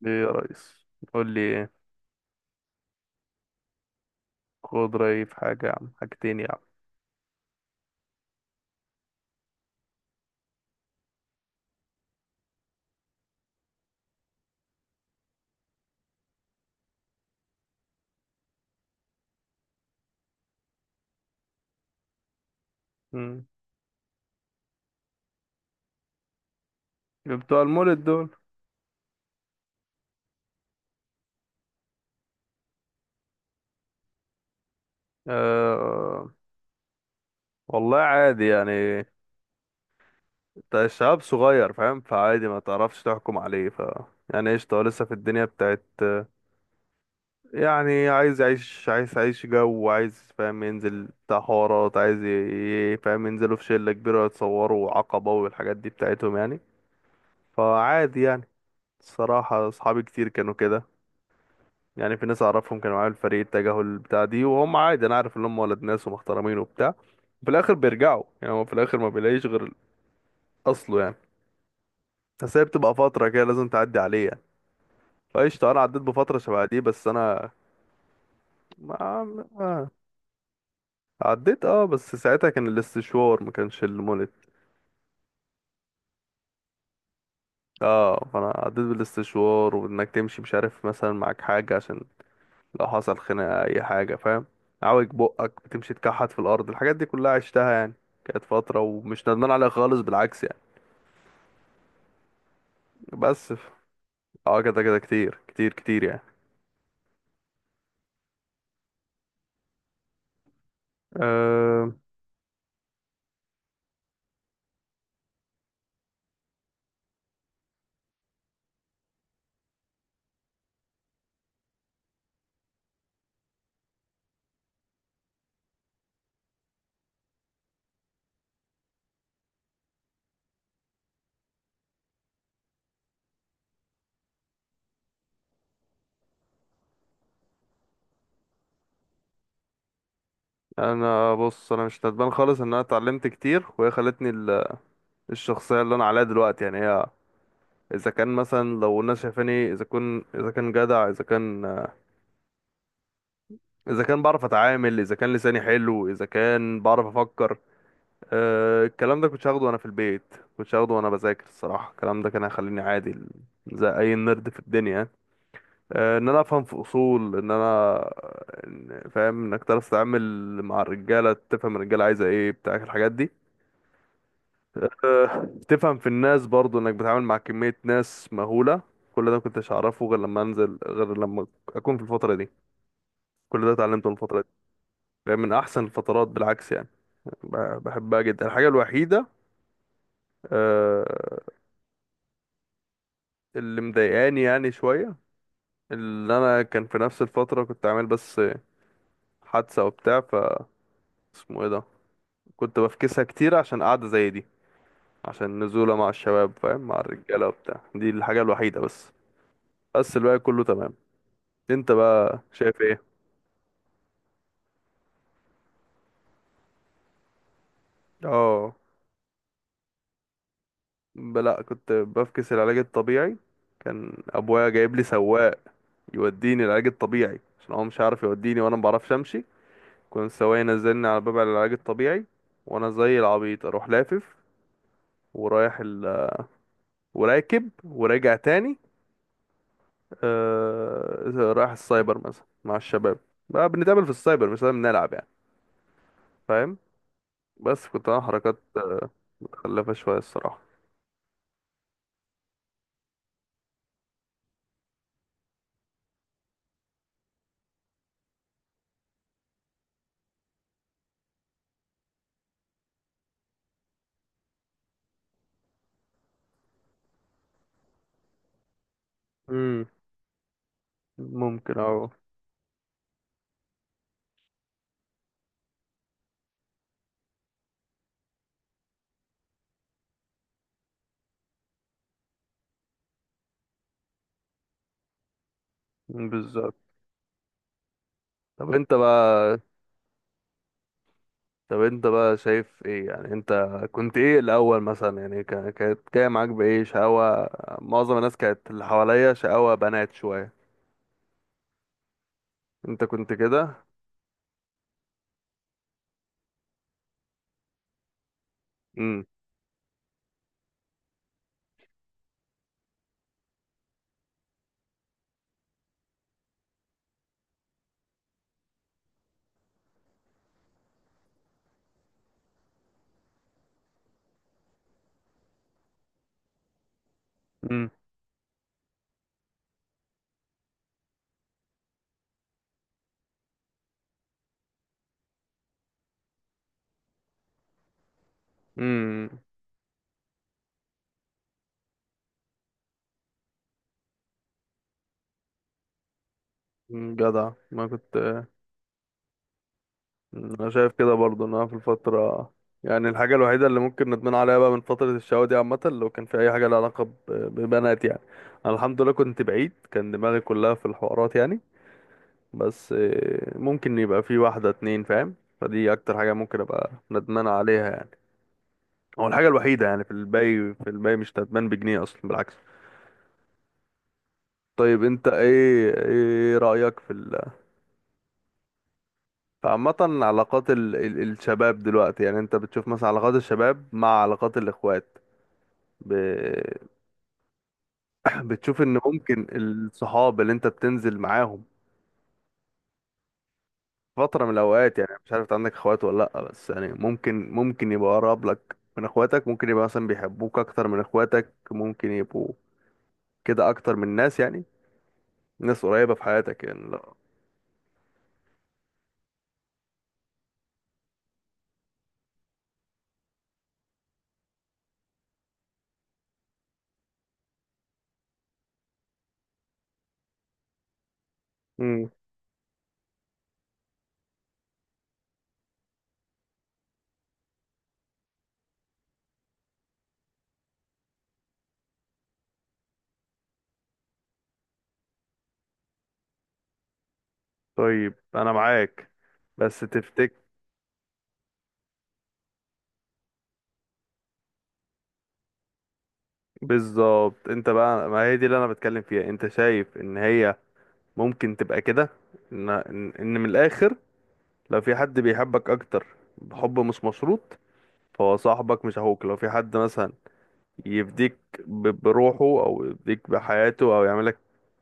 ليه يا ريس، قول لي ايه. خد رأيي في حاجة يا عم، حاجتين يا عم. مم. بتوع المولد دول. أه، والله عادي يعني. انت الشباب صغير فاهم، فعادي ما تعرفش تحكم عليه ف يعني قشطة، هو لسه في الدنيا بتاعت يعني، عايز يعيش، عايز يعيش جو، عايز فاهم ينزل بتاع حوارات، عايز فاهم ينزلوا في شلة كبيرة يتصوروا عقبة والحاجات دي بتاعتهم يعني. فعادي يعني. الصراحة أصحابي كتير كانوا كده يعني. في ناس أعرفهم كانوا معايا في الفريق التجاهل بتاع دي، وهم عادي أنا عارف إن هم ولد ناس ومحترمين وبتاع. في الآخر بيرجعوا يعني، هو في الآخر ما بيلاقيش غير أصله يعني. بس هي بتبقى فترة كده لازم تعدي عليه يعني. فقشطة، أنا عديت بفترة شبه دي بس أنا ما عديت اه. بس ساعتها كان الاستشوار، ما كانش المولد. اه، فانا عديت بالاستشوار، وانك تمشي مش عارف مثلا معاك حاجة عشان لو حصل خناقة اي حاجة فاهم. عوج بقك، بتمشي تكحت في الارض، الحاجات دي كلها عشتها يعني. كانت فترة ومش ندمان عليها خالص، بالعكس يعني. بس ف- اه كده كده كتير كتير كتير يعني. أه. انا بص، انا مش ندمان خالص. ان انا اتعلمت كتير، وهي خلتني الشخصية اللي انا عليها دلوقتي يعني. هي اذا كان مثلا لو الناس شايفاني اذا كنت، اذا كان جدع، اذا كان، اذا كان بعرف اتعامل، اذا كان لساني حلو، اذا كان بعرف افكر. أه الكلام ده كنتش هاخده وانا في البيت، كنتش هاخده وانا بذاكر. الصراحه الكلام ده كان هيخليني عادي زي اي نرد في الدنيا يعني. أه، ان انا افهم في اصول، ان انا فاهم انك تعرف تتعامل مع الرجاله، تفهم الرجاله عايزه ايه بتاع الحاجات دي. أه تفهم في الناس برضو، انك بتتعامل مع كميه ناس مهوله. كل ده مكنتش هعرفه غير لما انزل، غير لما اكون في الفتره دي. كل ده اتعلمته من الفتره دي فاهم، من احسن الفترات بالعكس يعني. بحبها جدا. الحاجة الوحيدة آه، اللي مضايقاني يعني شوية، اللي أنا كان في نفس الفترة كنت عامل بس حادثة وبتاع ف اسمه ايه ده، كنت بفكسها كتير عشان قعدة زي دي، عشان نزولة مع الشباب فاهم، مع الرجالة وبتاع. دي الحاجة الوحيدة بس. بس الباقي كله تمام. انت بقى شايف ايه؟ اه، لأ كنت بفكس العلاج الطبيعي. كان أبويا جايب لي سواق يوديني العلاج الطبيعي عشان هو مش عارف يوديني، وأنا مبعرفش أمشي. كنت سواق نزلني على باب العلاج الطبيعي، وانا زي العبيط اروح لافف، ورايح ال... وراكب وراجع تاني. آه... رايح السايبر مثلا مع الشباب، بقى بنتقابل في السايبر مش لازم نلعب يعني. فاهم. بس كنت انا حركات متخلفة شوية الصراحة امم ممكن اه بالظبط. طب انت بقى، طب انت بقى شايف ايه يعني؟ انت كنت ايه الاول مثلا يعني، كانت جايه معاك بايه شقاوة؟ معظم الناس كانت اللي حواليا شقاوة بنات شوية، انت كنت كده؟ امم امم امم جدع ما كنت. مم، انا شايف كده برضو ان انا في الفتره، يعني الحاجه الوحيده اللي ممكن ندمان عليها بقى من فتره الشقاوه دي عامه، لو كان في اي حاجه لها علاقه ببنات يعني. انا الحمد لله كنت بعيد، كان دماغي كلها في الحوارات يعني. بس آه، ممكن يبقى في واحده اتنين فاهم. فدي اكتر حاجه ممكن ابقى ندمان عليها يعني، هو الحاجه الوحيده يعني. في الباقي في الباقي مش ندمان بجنيه اصلا، بالعكس. طيب انت ايه، ايه رايك في ال فعامة علاقات ال... ال... الشباب دلوقتي يعني؟ انت بتشوف مثلا علاقات الشباب مع علاقات الاخوات ب... بتشوف ان ممكن الصحاب اللي انت بتنزل معاهم فترة من الاوقات يعني، مش عارف إنت عندك اخوات ولا لا، بس يعني ممكن ممكن يبقى اقرب لك من اخواتك، ممكن يبقى مثلا بيحبوك اكتر من اخواتك، ممكن يبقوا كده اكتر من ناس يعني، ناس قريبة في حياتك يعني لا؟ امم طيب انا معاك، بس تفتكر بالظبط؟ انت بقى ما هي دي اللي انا بتكلم فيها. انت شايف ان هي ممكن تبقى كده؟ ان ان إن من الاخر، لو في حد بيحبك اكتر، بحب مش مشروط، فهو صاحبك مش اخوك. لو في حد مثلا يفديك بروحه، او يفديك بحياته، او يعملك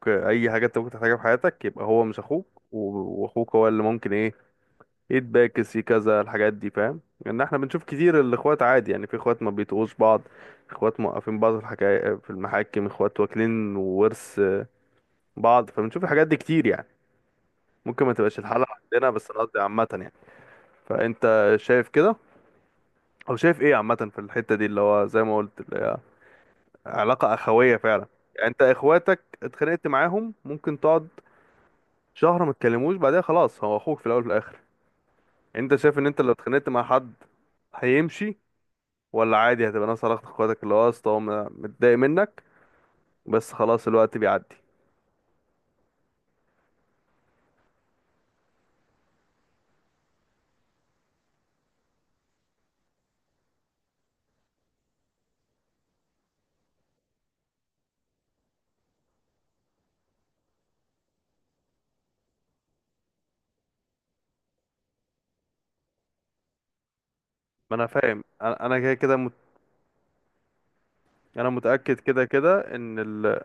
اي حاجه انت ممكن تحتاجها في حياتك، يبقى هو مش اخوك. واخوك هو اللي ممكن ايه يتباكس كذا، الحاجات دي فاهم. لان احنا بنشوف كتير الاخوات عادي يعني، في اخوات ما بيتقوش بعض، اخوات موقفين بعض في الحكاية في المحاكم، اخوات واكلين ورث بعض. فبنشوف الحاجات دي كتير يعني. ممكن ما تبقاش الحالة عندنا، بس انا قصدي عامة يعني. فانت شايف كده، او شايف ايه عامة في الحتة دي اللي هو زي ما قلت اللي هي علاقة اخوية فعلا؟ يعني انت اخواتك اتخانقت معاهم ممكن تقعد شهر ما تكلموش، بعدها خلاص، هو اخوك في الاول وفي الاخر. انت شايف ان انت لو اتخانقت مع حد هيمشي، ولا عادي هتبقى ناس علاقة اخواتك اللي هو اصلا هو متضايق منك بس خلاص، الوقت بيعدي؟ ما انا فاهم. انا كده كده مت... انا متأكد كده كده ان ال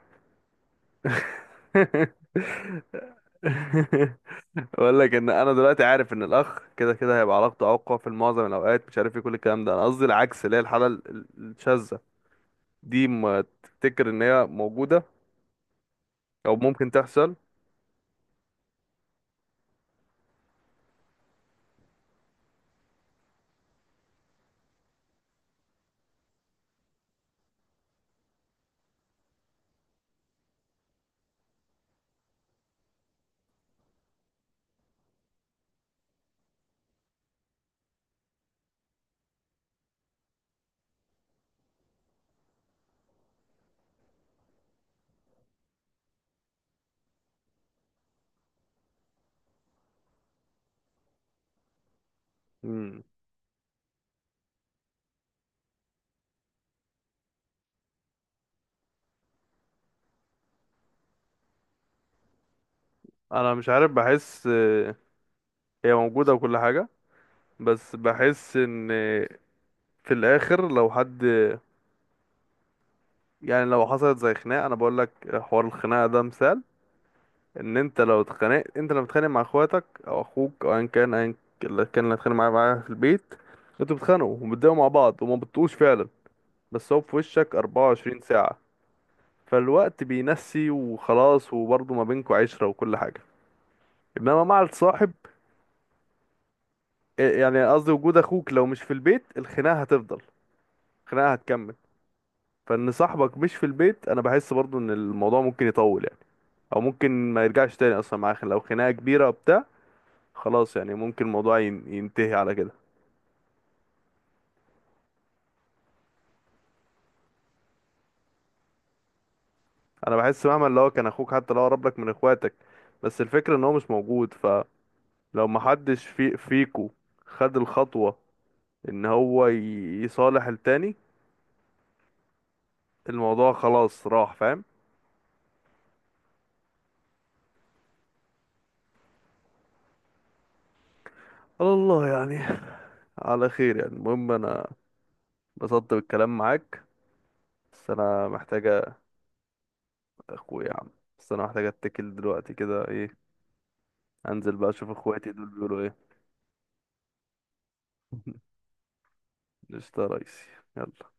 بقول لك ان انا دلوقتي عارف ان الاخ كده كده هيبقى علاقته اقوى في معظم الاوقات، مش عارف ايه كل الكلام ده. انا قصدي العكس، اللي هي الحاله الشاذه دي، ما تفتكر ان هي موجوده او ممكن تحصل؟ مم. انا مش عارف، بحس آه، هي موجوده وكل حاجه، بس بحس ان في الاخر لو حد، يعني لو حصلت زي خناقه. انا بقول لك حوار الخناقه ده مثال. ان انت لو اتخانقت، انت لما بتتخانق مع اخواتك او اخوك او ايا كان، ايا اللي كان اللي هتخانق معاه في البيت، انتوا بتتخانقوا وبتضايقوا مع بعض وما بتطقوش فعلا، بس هو في وشك 24 ساعة، فالوقت بينسي وخلاص، وبرضه ما بينكوا عشرة وكل حاجة. انما مع الصاحب، إيه يعني قصدي، وجود اخوك لو مش في البيت الخناقة هتفضل، الخناقة هتكمل. فان صاحبك مش في البيت، انا بحس برضه ان الموضوع ممكن يطول يعني، او ممكن ما يرجعش تاني اصلا معاه، لو خناقة كبيرة بتاع خلاص يعني، ممكن الموضوع ينتهي على كده. انا بحس مهما اللي هو كان اخوك حتى لو قرب لك من اخواتك، بس الفكرة ان هو مش موجود، فلو ما حدش في فيكو خد الخطوة ان هو يصالح التاني، الموضوع خلاص راح فاهم. على الله يعني، على خير يعني. المهم انا بسطت بالكلام معاك، بس انا محتاجة اخويا يا عم. بس انا محتاجة اتكل دلوقتي كده، ايه، انزل بقى اشوف اخواتي دول بيقولوا ايه. قشطة يا ريسي، يلا.